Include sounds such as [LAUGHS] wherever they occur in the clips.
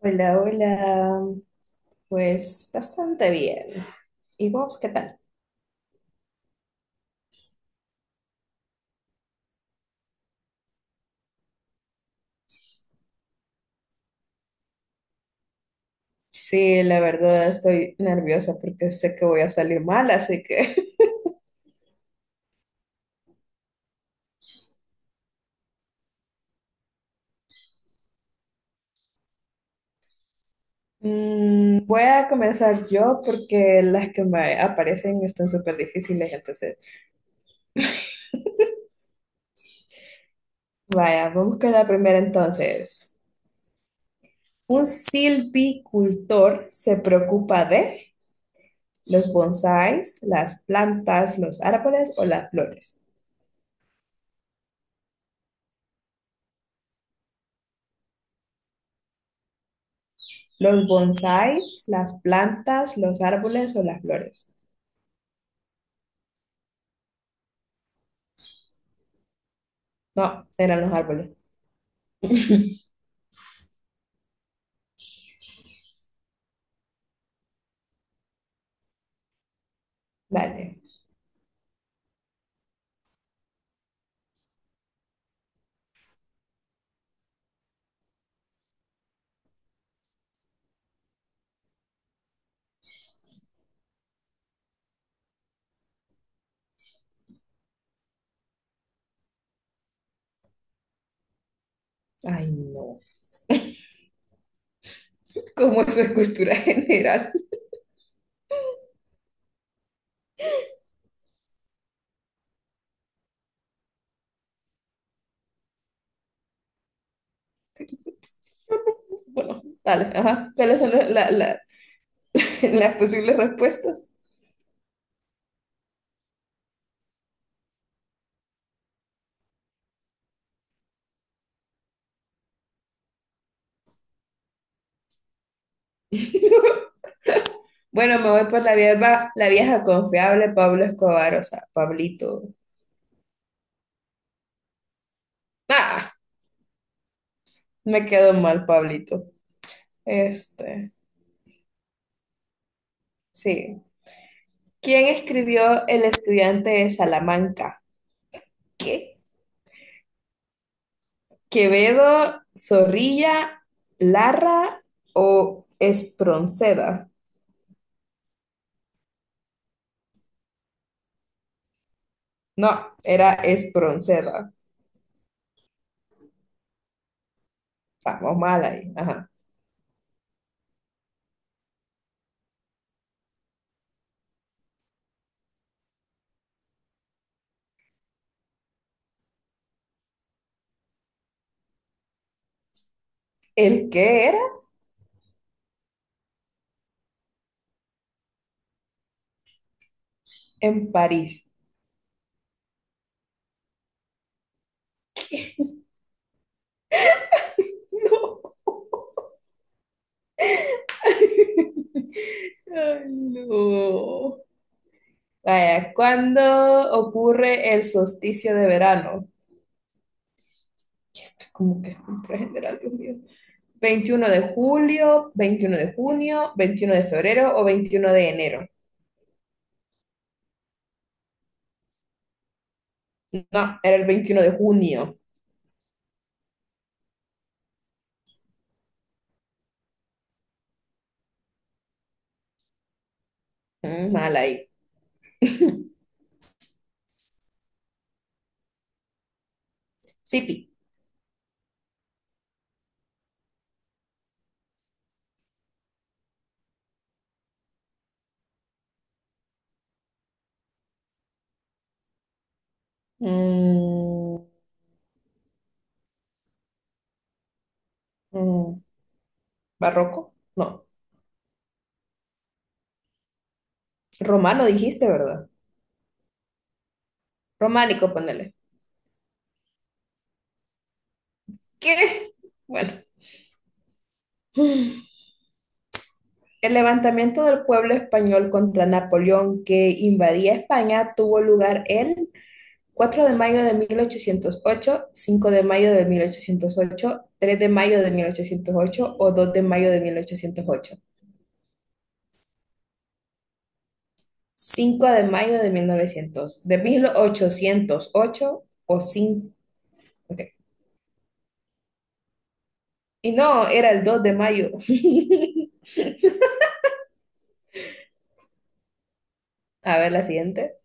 Hola, hola. Pues bastante bien. ¿Y vos qué tal? Sí, la verdad estoy nerviosa porque sé que voy a salir mal, así que [LAUGHS] voy a comenzar yo porque las que me aparecen están súper difíciles. Entonces, vaya, vamos con la primera entonces. Un silvicultor se preocupa de los bonsáis, las plantas, los árboles o las flores. Los bonsáis, las plantas, los árboles o las flores. No, eran los árboles. Vale. Ay, no. ¿Cómo eso es cultura general? [LAUGHS] Bueno, dale, ajá. ¿Cuáles son [LAUGHS] las posibles respuestas? [LAUGHS] Bueno, me voy por la vieja confiable, Pablo Escobar, o sea, Pablito. Ah, me quedo mal, Pablito. Este, sí. ¿Quién escribió El estudiante de Salamanca? ¿Qué? ¿Quevedo, Zorrilla, Larra o Espronceda? No, era Espronceda. Estamos mal ahí. Ajá. ¿El qué era? En París. No. [LAUGHS] Ay, no. Vaya, ¿cuándo ocurre el solsticio de verano? Esto es como que es cultura general, Dios mío. ¿21 de julio, 21 de junio, 21 de febrero o 21 de enero? No, era el 21 de junio. Mal ahí. [LAUGHS] Sipi. Mm, mm, ¿Barroco? No. Romano dijiste, ¿verdad? Románico, ponele. ¿Qué? Bueno. El levantamiento del pueblo español contra Napoleón que invadía España tuvo lugar el 4 de mayo de 1808, 5 de mayo de 1808, 3 de mayo de 1808 o 2 de mayo de 1808, 5 de mayo de 1900, de 1808 o 5. Okay. Y no, era el 2 de mayo. [LAUGHS] A ver la siguiente.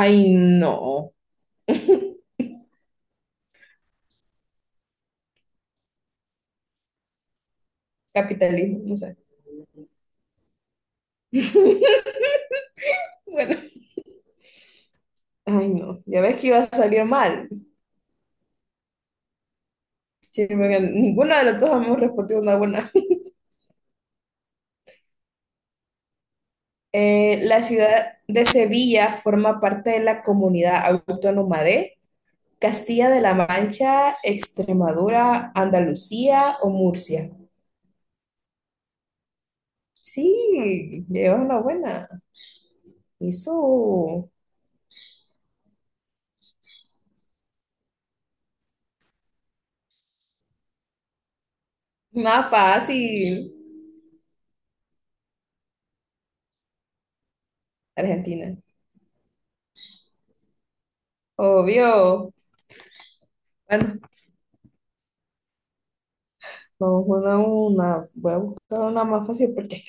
Ay, no. Capitalismo, no sé. [LAUGHS] Bueno, ay no, ya ves que iba a salir mal. Sí, porque ninguna de las dos hemos respondido una buena. La ciudad de Sevilla forma parte de la comunidad autónoma de Castilla de la Mancha, Extremadura, Andalucía o Murcia. Sí, llevas una buena. Eso, más fácil. Argentina, obvio. Bueno, vamos a una. Voy a buscar una más fácil porque es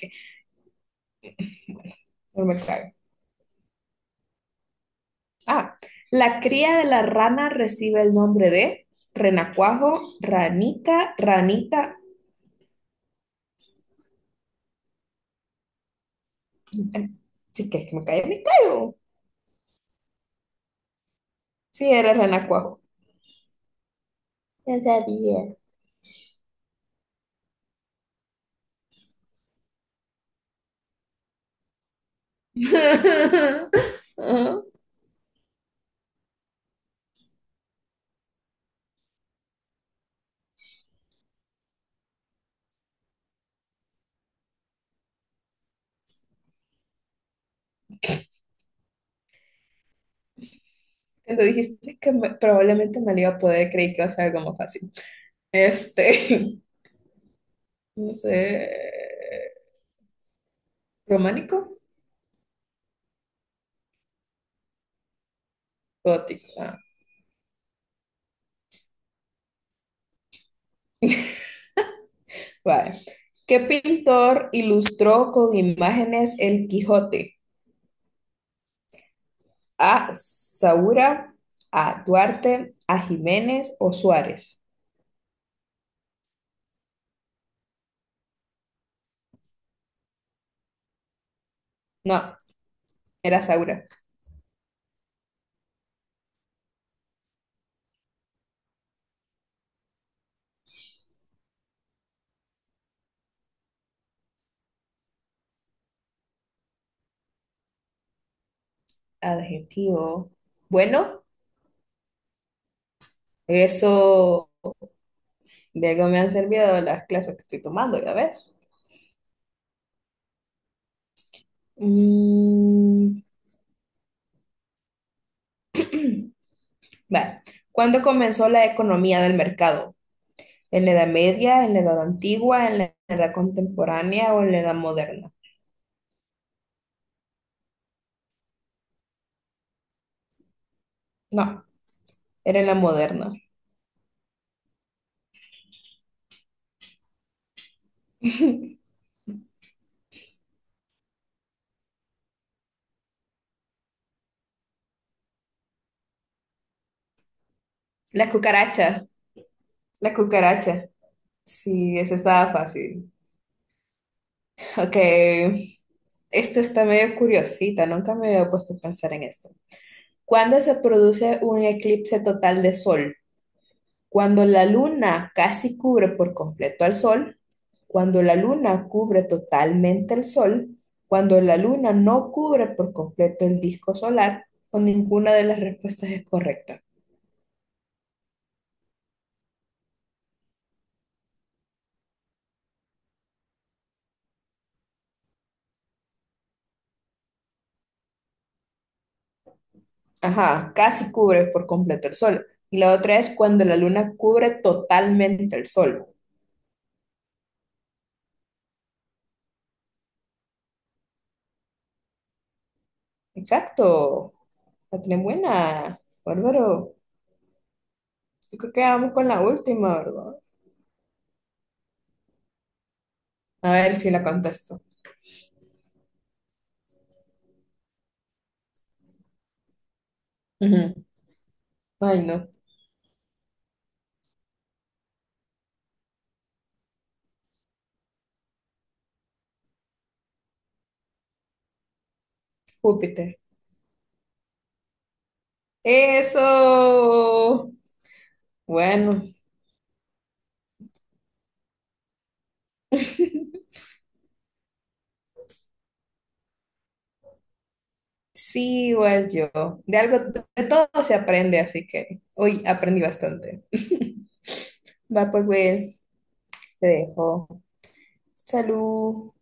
no me cae. Ah, la cría de la rana recibe el nombre de renacuajo, ranica, ranita. Sí, que es que me cae, me caigo. Sí, era renacuajo. Ya sabía. [LAUGHS] Ajá. Cuando dijiste que probablemente me lo iba a poder, creí que iba a ser algo más fácil. Este, [LAUGHS] no sé, románico, gótico. Ah, [LAUGHS] vale. ¿Qué pintor ilustró con imágenes el Quijote? ¿A Saura, a Duarte, a Jiménez o Suárez? No, era Saura. Adjetivo. Bueno, eso de algo me han servido las clases que estoy tomando, ya ves. Mm, vale. ¿Cuándo comenzó la economía del mercado? ¿En la Edad Media, en la Edad Antigua, en la Edad Contemporánea o en la Edad Moderna? No, era en la moderna. [LAUGHS] Las cucarachas, las cucarachas. Sí, esa estaba fácil. Ok, esta está medio curiosita, nunca me había puesto a pensar en esto. ¿Cuándo se produce un eclipse total de sol? Cuando la luna casi cubre por completo al sol, cuando la luna cubre totalmente el sol, cuando la luna no cubre por completo el disco solar, o ninguna de las respuestas es correcta. Ajá, casi cubre por completo el sol. Y la otra es cuando la luna cubre totalmente el sol. Exacto. La tenés buena. Bárbaro. Yo creo que vamos con la última, ¿verdad? A ver si la contesto. Ujú. Ay, no. Júpiter. Eso. Bueno, sí, igual yo. De algo, de todo se aprende, así que hoy aprendí bastante. Va, pues, Will, te dejo. Salud.